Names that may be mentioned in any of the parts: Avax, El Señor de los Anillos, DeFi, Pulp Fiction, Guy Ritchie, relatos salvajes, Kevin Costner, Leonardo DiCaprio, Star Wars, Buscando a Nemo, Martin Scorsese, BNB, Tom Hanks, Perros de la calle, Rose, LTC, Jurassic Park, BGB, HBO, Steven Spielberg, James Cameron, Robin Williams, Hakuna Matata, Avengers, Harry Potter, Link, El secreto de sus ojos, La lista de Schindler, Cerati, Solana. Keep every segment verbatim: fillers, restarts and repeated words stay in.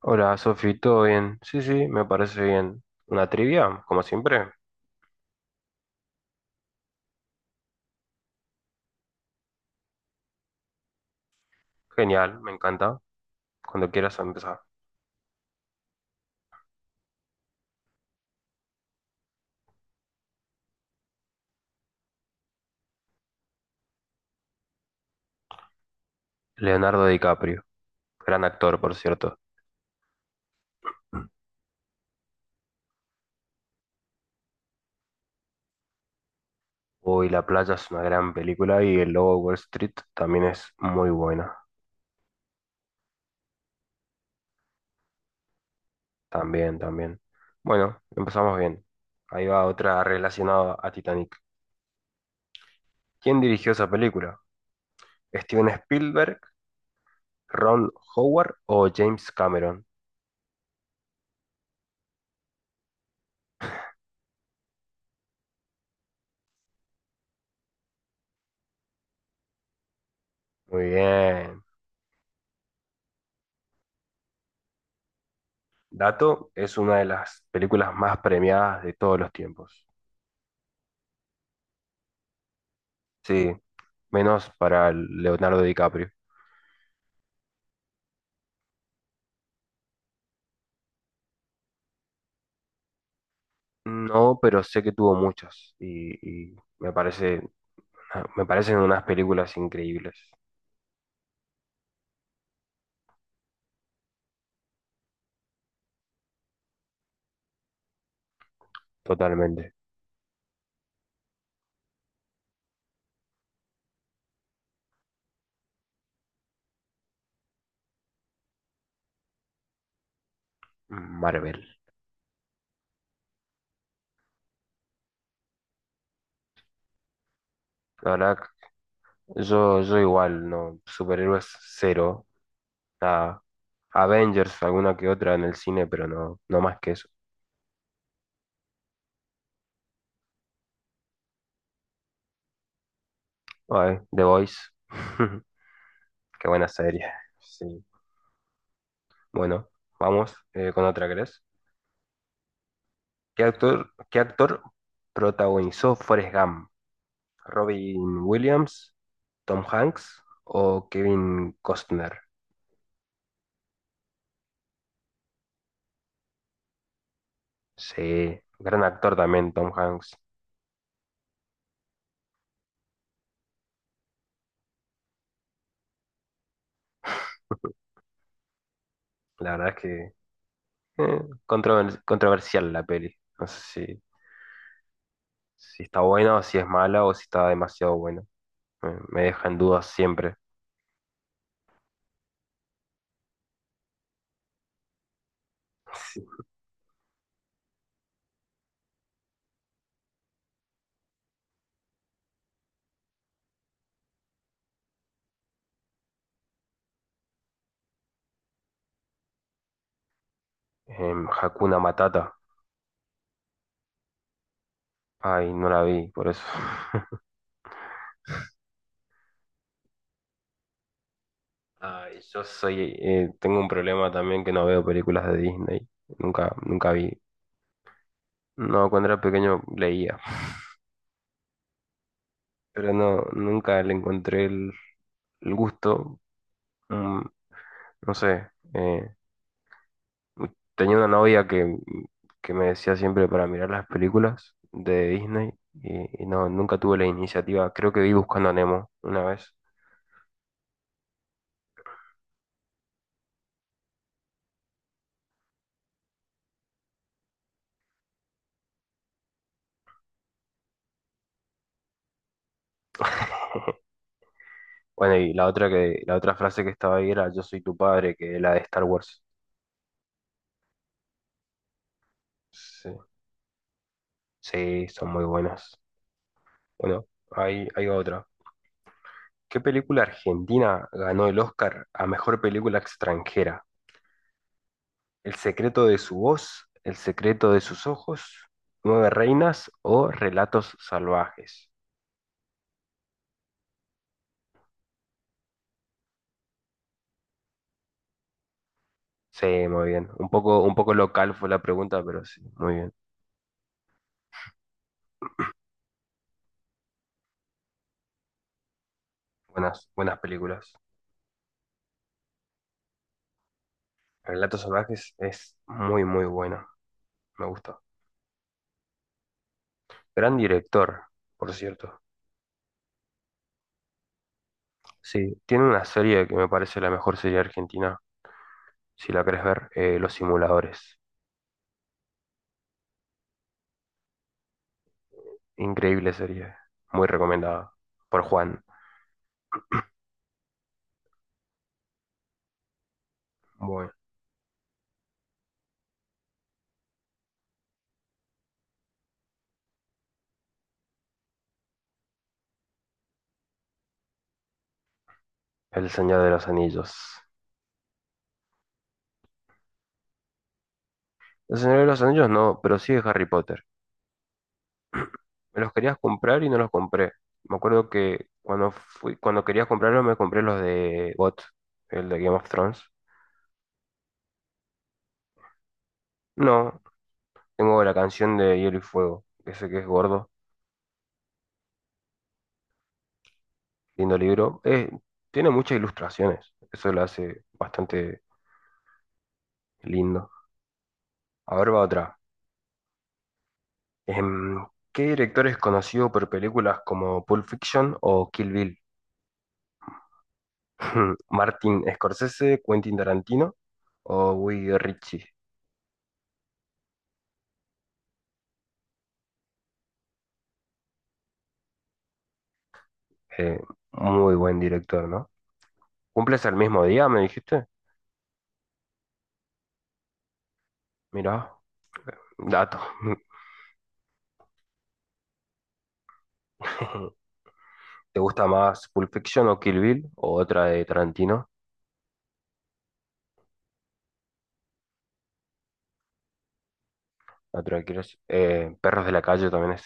Hola, Sofi, ¿todo bien? Sí, sí, me parece bien. ¿Una trivia? Como siempre. Genial, me encanta. Cuando quieras empezar. Leonardo DiCaprio, gran actor, por cierto. Uy, La playa es una gran película y El Lobo de Wall Street también es muy buena. También, también. Bueno, empezamos bien. Ahí va otra relacionada a Titanic. ¿Quién dirigió esa película? ¿Steven Spielberg, Ron Howard o James Cameron? Muy bien. Dato es una de las películas más premiadas de todos los tiempos. Sí, menos para Leonardo DiCaprio. No, pero sé que tuvo muchas y, y me parece, ah, me parecen unas películas increíbles, totalmente. Marvel. La verdad, yo, yo igual, no, superhéroes cero, nada. Avengers, alguna que otra en el cine, pero no, no más que eso. Ay, The Voice, qué buena serie. Sí. Bueno, vamos eh, con otra, ¿crees? ¿Qué actor, qué actor protagonizó Forrest Gump? ¿Robin Williams, Tom Hanks o Kevin Costner? Sí, gran actor también, Tom Hanks. La verdad es que eh, controver- controversial la peli. No sé si, si está buena o si es mala o si está demasiado buena. Eh, me deja en dudas siempre. Sí. Em, Hakuna Matata. Ay, no la vi, por eso. Ay, yo soy, eh, tengo un problema también que no veo películas de Disney. Nunca, nunca vi. No, cuando era pequeño leía, pero no, nunca le encontré el, el gusto. Mm, no sé, eh, tenía una novia que, que me decía siempre para mirar las películas de Disney y, y no, nunca tuve la iniciativa. Creo que vi Buscando a Nemo una vez. Bueno, y la otra que, la otra frase que estaba ahí era Yo soy tu padre, que es la de Star Wars. Sí, sí, son muy buenas. Bueno, hay, hay otra. ¿Qué película argentina ganó el Oscar a mejor película extranjera? El secreto de su voz, el secreto de sus ojos, nueve reinas o relatos salvajes. Sí, muy bien. Un poco, un poco local fue la pregunta, pero sí, muy bien. Buenas, buenas películas. Relatos salvajes es muy, muy buena. Me gusta. Gran director, por cierto. Sí, tiene una serie que me parece la mejor serie argentina, si la querés ver, eh, Los Simuladores. Increíble serie. Muy recomendada por Juan. Bueno, El Señor de los Anillos. El Señor de los Anillos no, pero sí de Harry Potter. Me los querías comprar y no los compré. Me acuerdo que cuando fui, cuando querías comprarlos me compré los de G O T, el de Game of Thrones. No, tengo la canción de Hielo y Fuego, que sé que es gordo, lindo libro. Eh, tiene muchas ilustraciones, eso lo hace bastante lindo. A ver, va otra. Em, ¿qué director es conocido por películas como Pulp Fiction o Kill Bill? ¿Martin Scorsese, Quentin Tarantino o Guy Ritchie? Eh, muy buen director, ¿no? ¿Cumples el mismo día, me dijiste? Mirá, dato. ¿Te gusta más Pulp Fiction o Kill Bill? ¿O otra de Tarantino? La otra que Eh, Perros de la calle también es,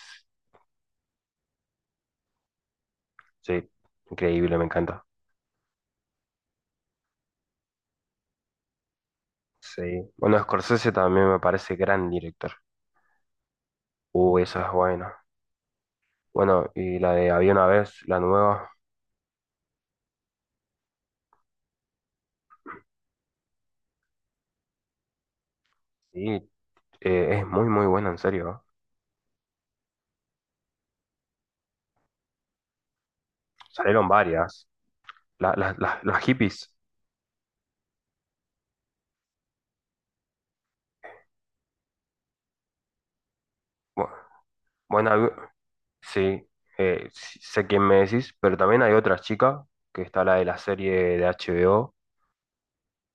sí, increíble, me encanta. Sí. Bueno, Scorsese también me parece gran director. Uh, esa es buena. Bueno, y la de Había una vez, la nueva, sí, eh, es muy, muy buena, en serio. Salieron varias. La- la- la- las hippies. Bu- Buena, Sí, eh, sí, sé quién me decís, pero también hay otra chica, que está la de la serie de H B O,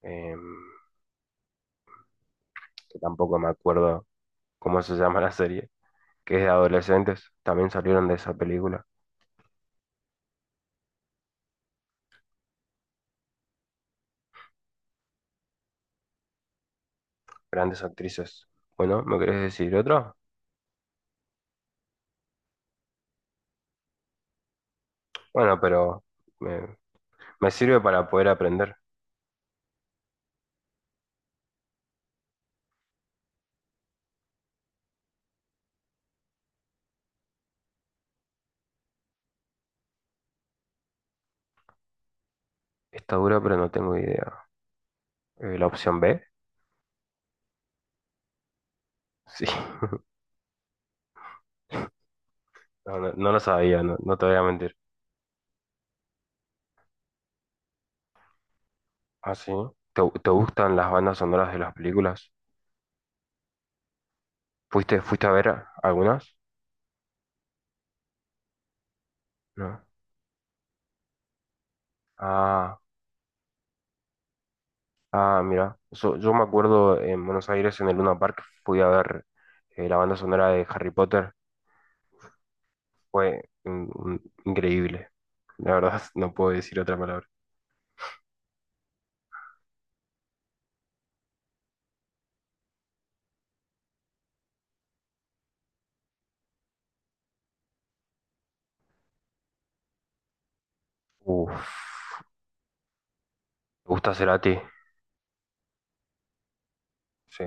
em, que tampoco me acuerdo cómo se llama la serie, que es de adolescentes, también salieron de esa película, grandes actrices. Bueno, ¿me querés decir otra? Bueno, pero me, me sirve para poder aprender. Está dura, pero no tengo idea. Eh, ¿la opción B? Sí, no, no- no lo sabía, no, no te voy a mentir. ¿Ah, sí? ¿Te, ¿te gustan las bandas sonoras de las películas? ¿Fuiste, ¿fuiste a ver algunas? No. Ah, ah, mira. So- yo me acuerdo en Buenos Aires, en el Luna Park, fui a ver eh, la banda sonora de Harry Potter. Fue in- in- increíble. La verdad, no puedo decir otra palabra. Uf, me gusta Cerati. Sí,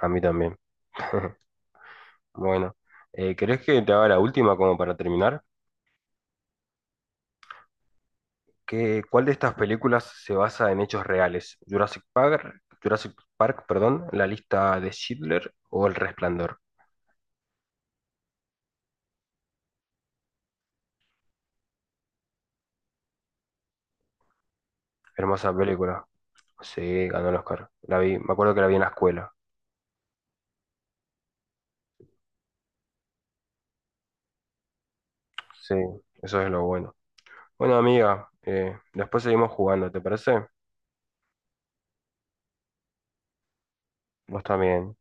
a mí también. Bueno, eh, ¿querés que te haga la última como para terminar? ¿Qué, ¿cuál de estas películas se basa en hechos reales? ¿Jurassic Park, ¿Jurassic Park, perdón, La lista de Schindler o El Resplandor? Hermosa película. Sí, ganó el Oscar. La vi, me acuerdo que la vi en la escuela. Sí, eso es lo bueno. Bueno, amiga, eh, después seguimos jugando, ¿te parece? Vos también.